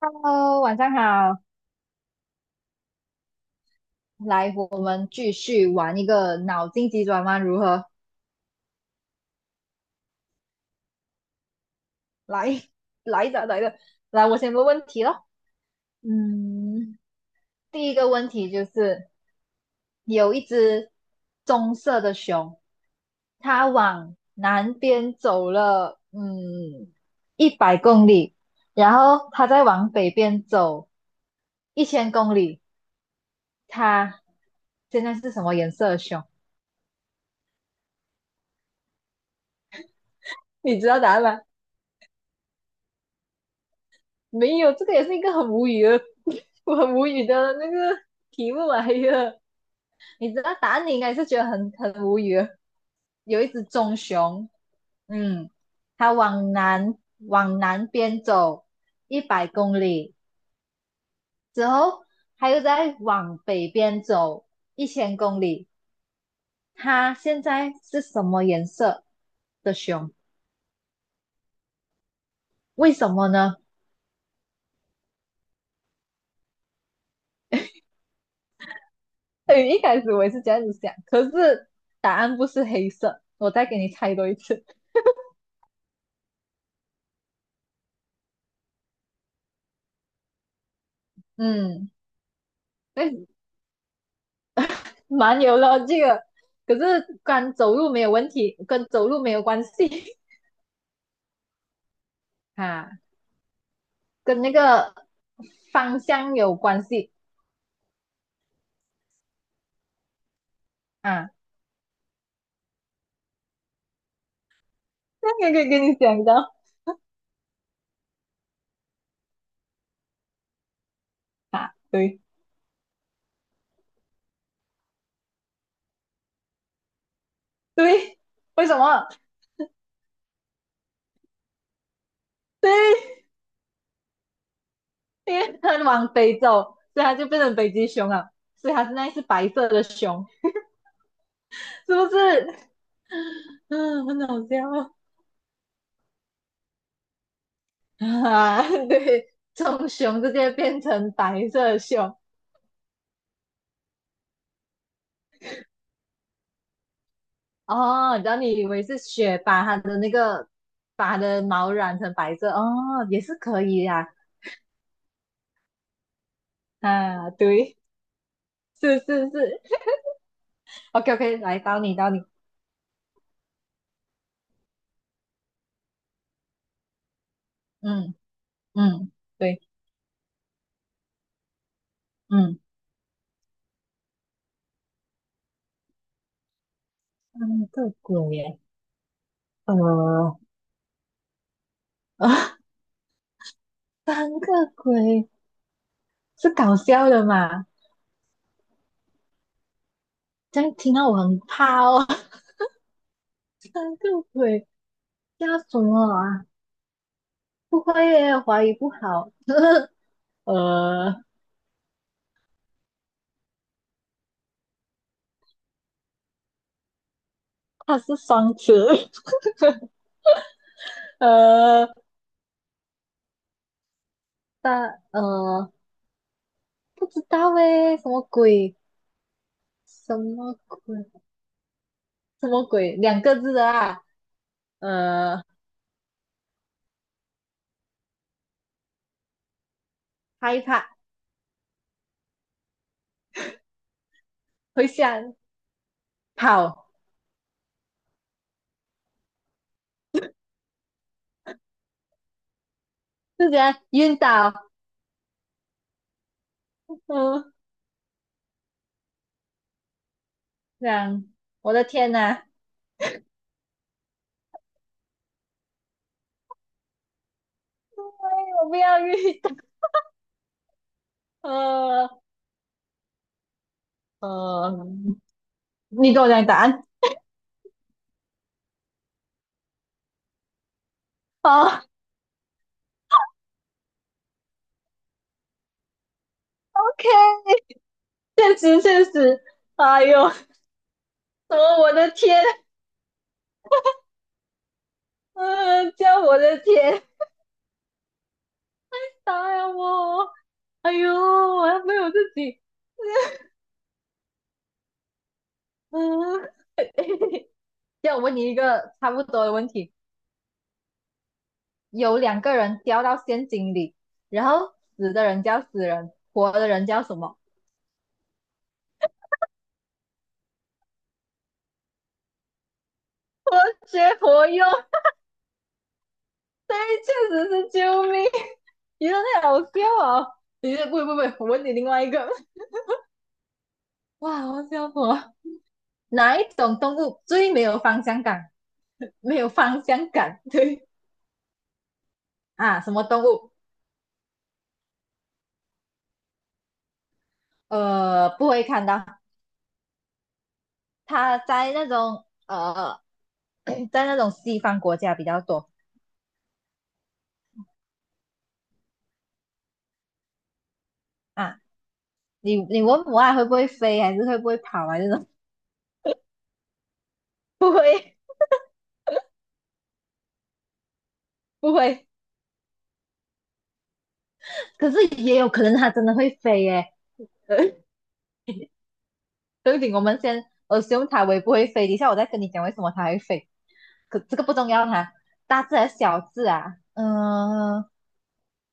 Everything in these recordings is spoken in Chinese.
HE 晚上好，来，我们继续玩一个脑筋急转弯，如何？来，来的，来的，来，我先问问题咯。嗯，第一个问题就是有一只棕色的熊，它往南边走了，一百公里，然后它再往北边走一千公里，它现在是什么颜色的熊？你知道答案吗？没有，这个也是一个很无语的，我很无语的那个题目来的。你知道答案，你应该是觉得很无语的。有一只棕熊，嗯，它往南边走一百公里之后，它又在往北边走一千公里。它现在是什么颜色的熊？为什么呢？哎，一开始我也是这样子想，可是答案不是黑色。我再给你猜多一次。嗯，哎，蛮有逻辑的，可是跟走路没有问题，跟走路没有关系 啊，跟那个方向有关系啊。那个可以跟你讲的啊，对对，为什么？对，因为它往北走，所以它就变成北极熊了，所以它现在是白色的熊，是不是？嗯，很好笑啊，对，从熊直接变成白色的熊，哦，然后你以为是雪把它的毛染成白色，哦，也是可以呀、啊，啊，对，是是是，OK OK，来到你到你，嗯嗯，对，嗯，三个鬼耶，呃啊，三个鬼是搞笑的嘛？这样听到我很怕哦，三个鬼叫什么啊？不会耶，华语不好，呃，它是双子，呃，但。不知道诶，什么鬼？什么鬼？什么鬼？两个字的啊，呃，害怕、会想、跑，就这样晕倒，嗯，这样，我的天呐，哎，我不要晕倒，呃呃你给我讲答案，哦，OK，现实现实，哎呦，什么我的天，叫我的天，答呀我，哎呦，我还没有自己，嗯，这样我问你一个差不多的问题。有两个人掉到陷阱里，然后死的人叫死人，活的人叫什么？活学活用，确实是救命！你说那好笑哦。你这不不不，我问你另外一个，哇，好笑死我！哪一种动物最没有方向感？没有方向感，对啊，什么动物？不会看到，它在那种西方国家比较多啊。你问母爱会不会飞，还是会不会跑啊？这种不会不会，可是也有可能它真的会飞耶。对不用等，我们先 assume 它会不会飞，等一下我再跟你讲为什么它会飞。可这个不重要哈，大字还是小字啊？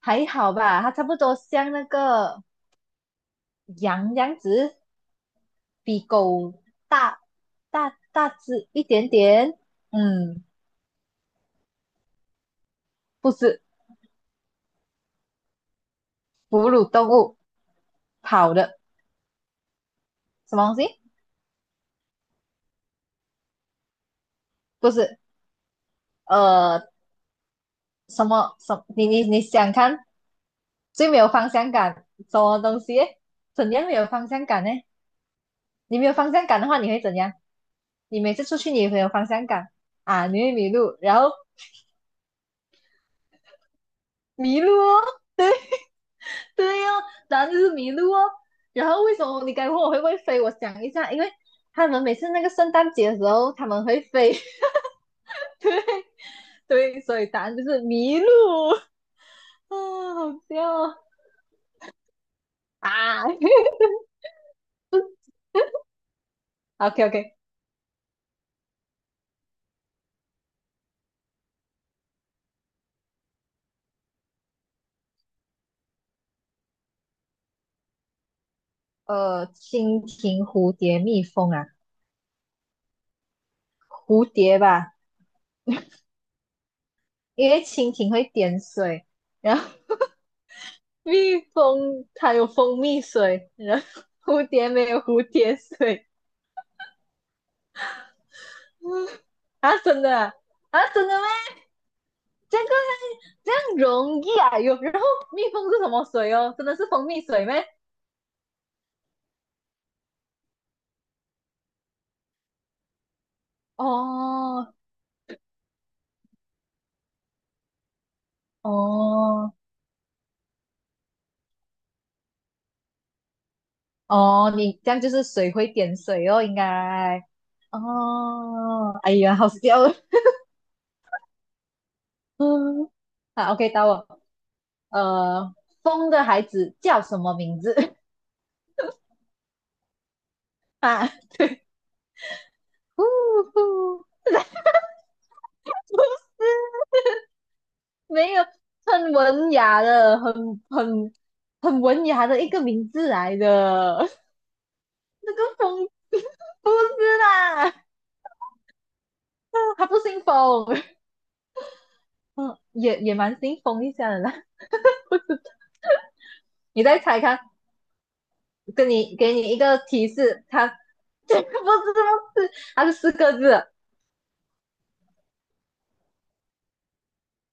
还好吧，它差不多像那个羊这样子，比狗大大大只一点点。嗯，不是哺乳动物，跑的什么东西？不是，呃，什么什么你想看最没有方向感，什么东西耶怎样没有方向感呢？你没有方向感的话，你会怎样？你每次出去你会有方向感啊，你会迷路，然后迷路哦，对对哦，答案就是迷路哦。然后为什么你该问我会不会飞？我想一下，因为他们每次那个圣诞节的时候他们会飞，对，所以答案就是迷路。啊，好笑哦啊 ！OK OK，蜻蜓、蝴蝶、蜜蜂啊，蝴蝶吧。因为蜻蜓会点水，然后蜜蜂它有蜂蜜水，然后蝴蝶没有蝴蝶水。啊，真的啊，啊真的吗？这个这样容易啊？有，然后蜜蜂是什么水哦？真的是蜂蜜水吗？哦哦哦，你这样就是水会点水哦，应该哦。哎呀，好笑哦嗯，好，OK，到我。呃，风的孩子叫什么名字？啊，呼是 没有很文雅的，很很文雅的一个名字来的。那个风不是啦，他不姓风，嗯，也蛮姓风一下的啦。你再猜看，给你一个提示，他这个 不是不是，他是四个字的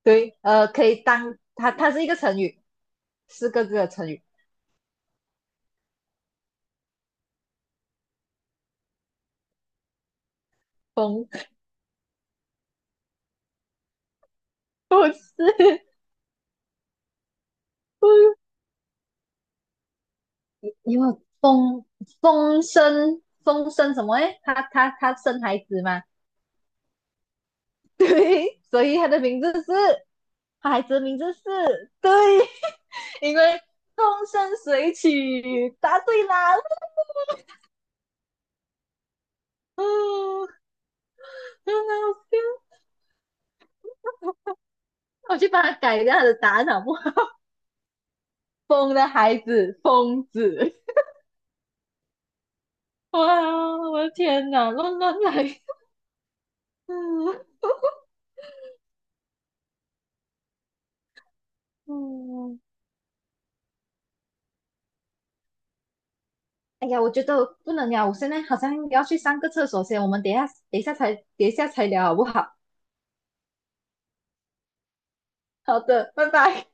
对，可以当它是一个成语，四个字的成语，风不是不是。因为风生什么诶，他生孩子嘛，对，所以他的名字是，他孩子的名字是，对，因为风生水起，答对啦，嗯，很好笑，我去帮他改一下他的答案好不好？风的孩子，疯子，哇，我的天哪，乱来，嗯嗯。哎呀，我觉得不能聊，我现在好像要去上个厕所先，我们等一下，等一下才聊好不好？好的，拜拜。